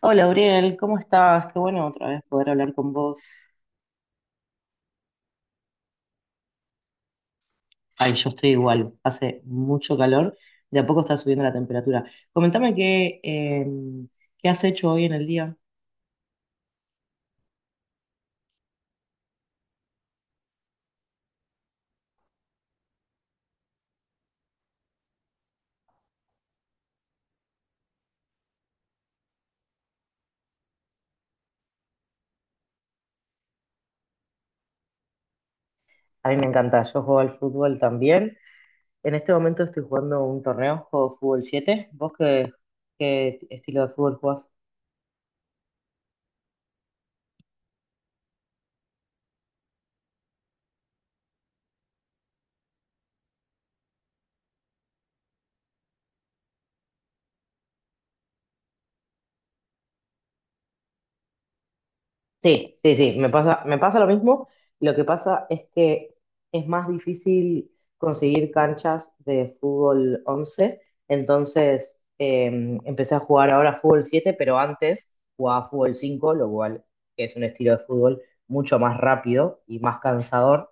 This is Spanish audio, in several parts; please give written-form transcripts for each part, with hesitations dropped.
Hola, Uriel, ¿cómo estás? Qué bueno otra vez poder hablar con vos. Ay, yo estoy igual, hace mucho calor, de a poco está subiendo la temperatura. Comentame qué has hecho hoy en el día. A mí me encanta, yo juego al fútbol también. En este momento estoy jugando un torneo, juego fútbol 7. ¿Vos qué estilo de fútbol jugás? Sí, sí, sí, me pasa lo mismo. Lo que pasa es que es más difícil conseguir canchas de fútbol 11. Entonces empecé a jugar ahora fútbol 7, pero antes jugaba fútbol 5, lo cual que es un estilo de fútbol mucho más rápido y más cansador.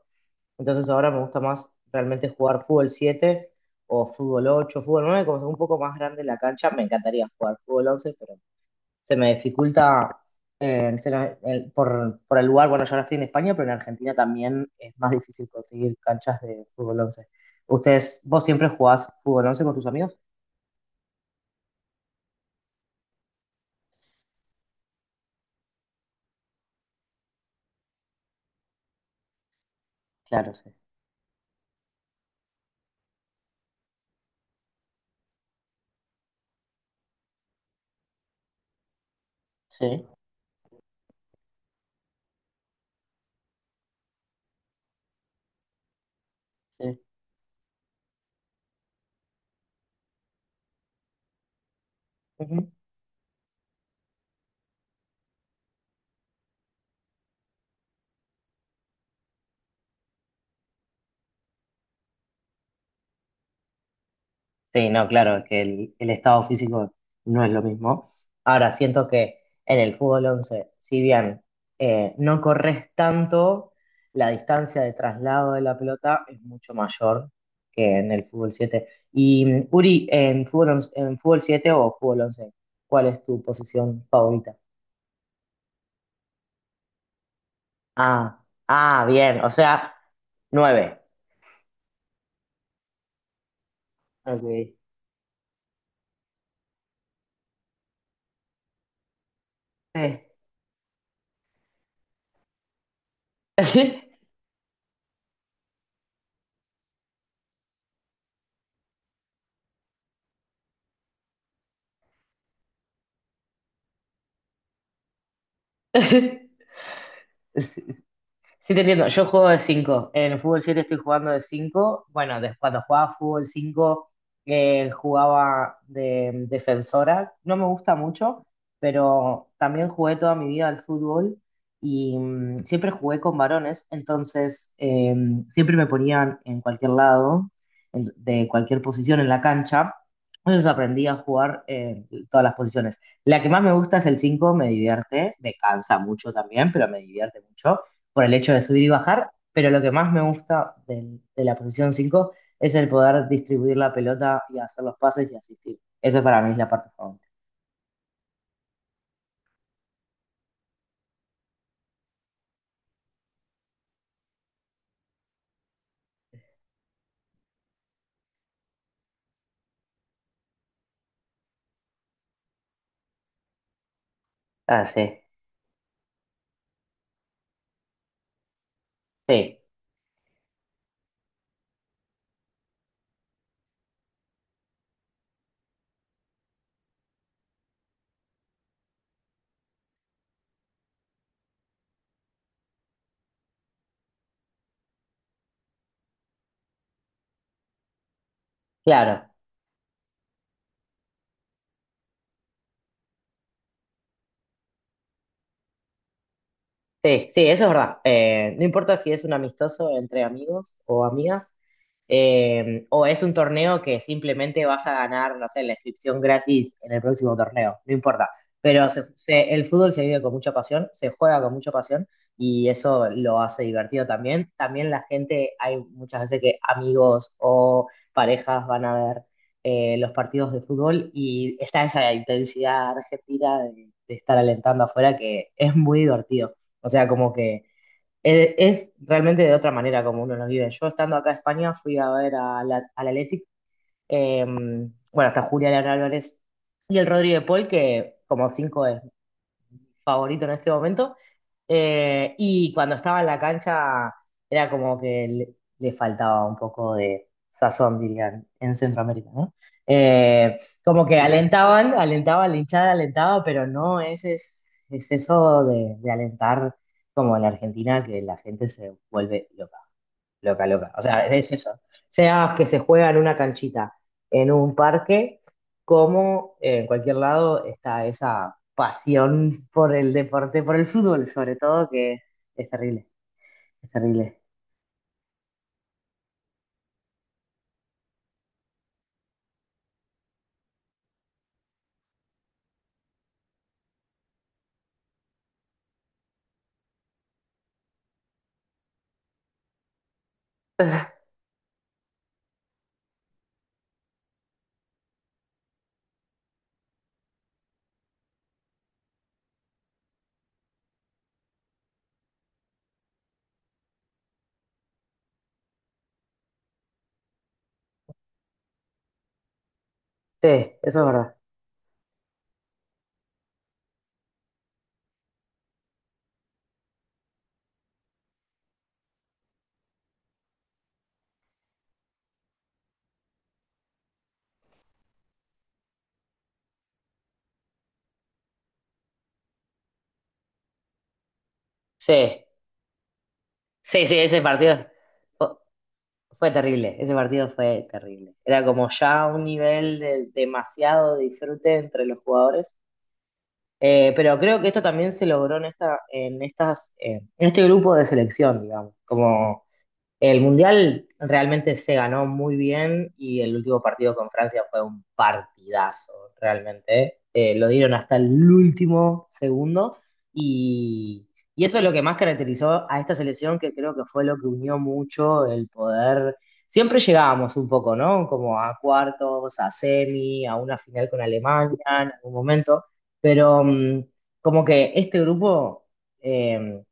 Entonces ahora me gusta más realmente jugar fútbol 7 o fútbol 8, fútbol 9, como es un poco más grande la cancha, me encantaría jugar fútbol 11, se me dificulta se me- el- por el lugar, bueno, yo ahora estoy en España, pero en Argentina también es más difícil conseguir canchas de fútbol once. Vos siempre jugás fútbol 11 con tus amigos? Claro, sí. Sí, sí. Sí, no, claro, es que el estado físico no es lo mismo. Ahora, siento que en el fútbol 11, si bien no corres tanto, la distancia de traslado de la pelota es mucho mayor que en el fútbol siete. Y Uri, en en fútbol 7 o fútbol once, ¿cuál es tu posición favorita? Ah, ah, bien, o sea, nueve. Ok. Sí. Sí, te entiendo. Yo juego de cinco. En el fútbol 7 estoy jugando de 5. Bueno, cuando jugaba fútbol 5 jugaba de defensora. No me gusta mucho, pero también jugué toda mi vida al fútbol y siempre jugué con varones. Entonces, siempre me ponían en cualquier lado, de cualquier posición en la cancha. Entonces aprendí a jugar en todas las posiciones. La que más me gusta es el 5. Me divierte, me cansa mucho también, pero me divierte mucho por el hecho de subir y bajar, pero lo que más me gusta de, la posición 5 es el poder distribuir la pelota y hacer los pases y asistir. Esa para mí es la parte favorita. Ah, sí. Sí, claro. Sí, sí, eso es verdad. No importa si es un amistoso entre amigos o amigas, o es un torneo que simplemente vas a ganar, no sé, la inscripción gratis en el próximo torneo, no importa. Pero el fútbol se vive con mucha pasión, se juega con mucha pasión y eso lo hace divertido también. También la gente, hay muchas veces que amigos o parejas van a ver los partidos de fútbol y está esa intensidad argentina de estar alentando afuera que es muy divertido. O sea, como que es realmente de otra manera como uno lo vive. Yo estando acá en España fui a ver a al Athletic, bueno, hasta Julián Álvarez y el Rodríguez Paul, que como cinco favorito en este momento. Y cuando estaba en la cancha era como que le faltaba un poco de sazón, dirían, en Centroamérica, ¿no? Eh, Como que alentaban, alentaban, la hinchada alentaba, pero no, es, eso de alentar como en Argentina que la gente se vuelve loca. Loca, loca. O sea, es eso. Sea que se juega en una canchita, en un parque, como en cualquier lado está esa pasión por el deporte, por el fútbol sobre todo, que es terrible, es terrible. Sí, eso es verdad. Sí, sí, sí, ese partido fu- fue, terrible, ese partido fue terrible. Era como ya un nivel de demasiado disfrute entre los jugadores. Pero creo que esto también se logró en en este grupo de selección, digamos. Como el Mundial realmente se ganó muy bien y el último partido con Francia fue un partidazo, realmente. Lo dieron hasta el último segundo y, y eso es lo que más caracterizó a esta selección, que creo que fue lo que unió mucho el poder. Siempre llegábamos un poco, ¿no? Como a cuartos, a semi, a una final con Alemania en algún momento, pero como que este grupo... eh,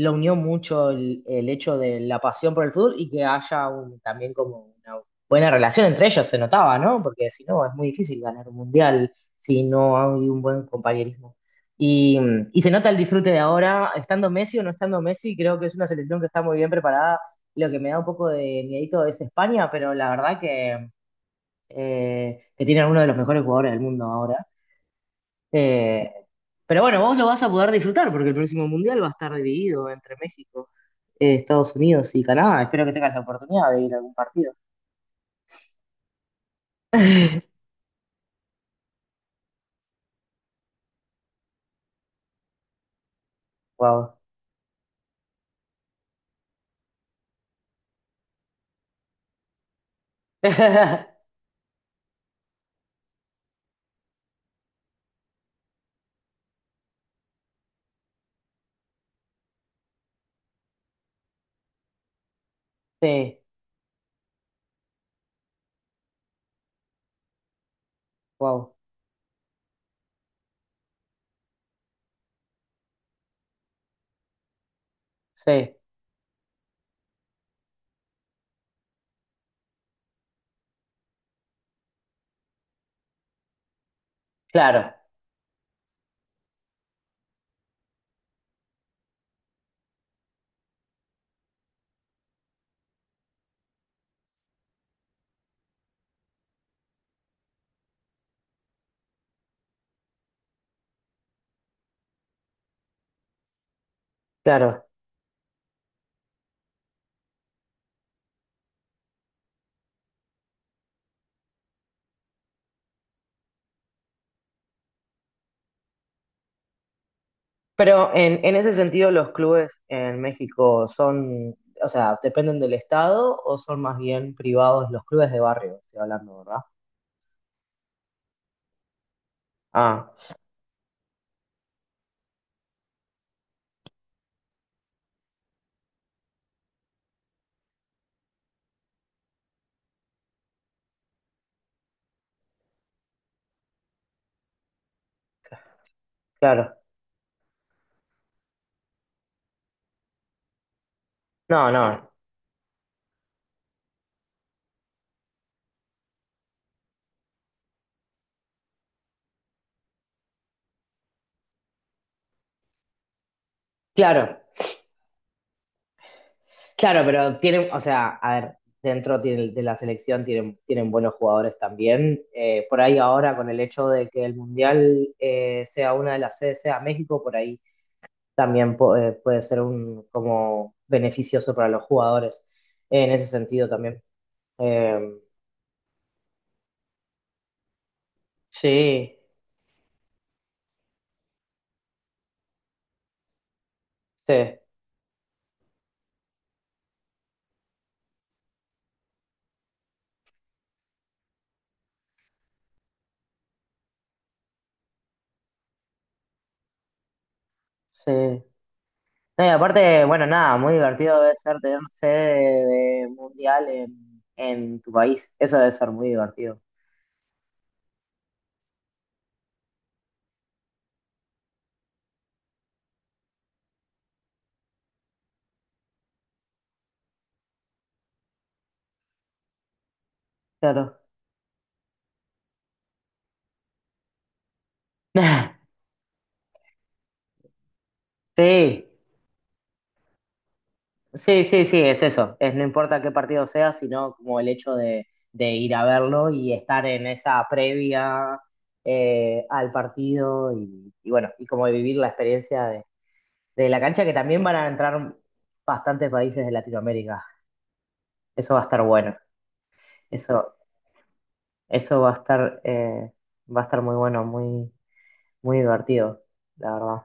lo unió mucho el hecho de la pasión por el fútbol y que haya también como una buena relación entre ellos, se notaba, ¿no? Porque si no, es muy difícil ganar un mundial si no hay un buen compañerismo. Y, y se nota el disfrute de ahora, estando Messi o no estando Messi, creo que es una selección que está muy bien preparada. Lo que me da un poco de miedito es España, pero la verdad que tienen uno de los mejores jugadores del mundo ahora. Eh, pero bueno, vos lo vas a poder disfrutar porque el próximo mundial va a estar dividido entre México Estados Unidos y Canadá. Espero que tengas la oportunidad de ir a algún partido. Wow. Sí, wow. Sí, claro, claro. Pero en ese sentido, los clubes en México son, o sea, dependen del estado o son más bien privados los clubes de barrio, estoy hablando, ¿verdad? Ah, claro. No, no. Claro. Claro, pero tienen, o sea, a ver, dentro de la selección tienen, tienen buenos jugadores también. Por ahí ahora, con el hecho de que el Mundial sea una de las sedes, sea México, por ahí también puede ser un como beneficioso para los jugadores en ese sentido también. Eh, sí, sí, sí. No, y aparte, bueno, nada, muy divertido debe ser tener sede de Mundial en tu país. Eso debe ser muy divertido. Claro. Sí, sí, sí, sí, es eso. Es no importa qué partido sea, sino como el hecho de, ir a verlo y estar en esa previa al partido y bueno, y como vivir la experiencia de la cancha, que también van a entrar bastantes países de Latinoamérica. Eso va a estar bueno. Eso, eso va a estar muy bueno, muy, muy divertido, la verdad.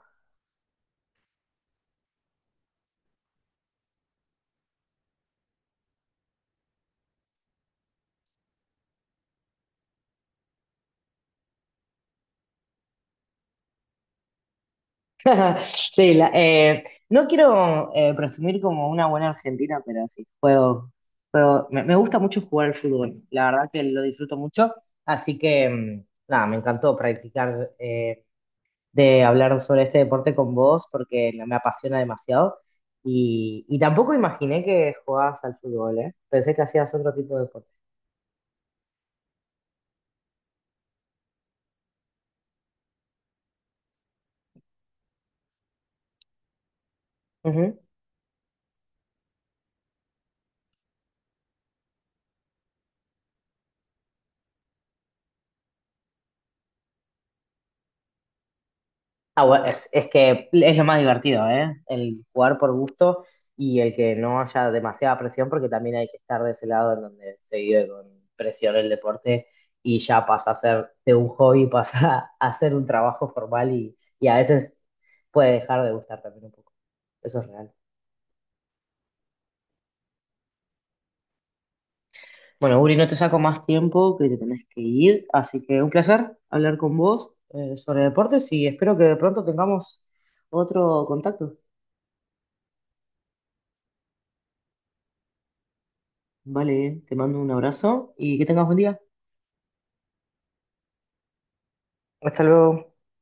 Sí, no quiero presumir como una buena argentina, pero sí, juego. Pero me gusta mucho jugar al fútbol, la verdad que lo disfruto mucho, así que nada, me encantó practicar de hablar sobre este deporte con vos porque me apasiona demasiado y tampoco imaginé que jugabas al fútbol, ¿eh? Pensé que hacías otro tipo de deporte. Ah, bueno, es, que es lo más divertido, ¿eh? El jugar por gusto y el que no haya demasiada presión, porque también hay que estar de ese lado en donde se vive con presión el deporte y ya pasa a ser de un hobby, pasa a ser un trabajo formal y a veces puede dejar de gustar también un poco. Eso es real. Bueno, Uri, no te saco más tiempo que te tenés que ir, así que un placer hablar con vos sobre deportes y espero que de pronto tengamos otro contacto. Vale, te mando un abrazo y que tengas buen día. Hasta luego.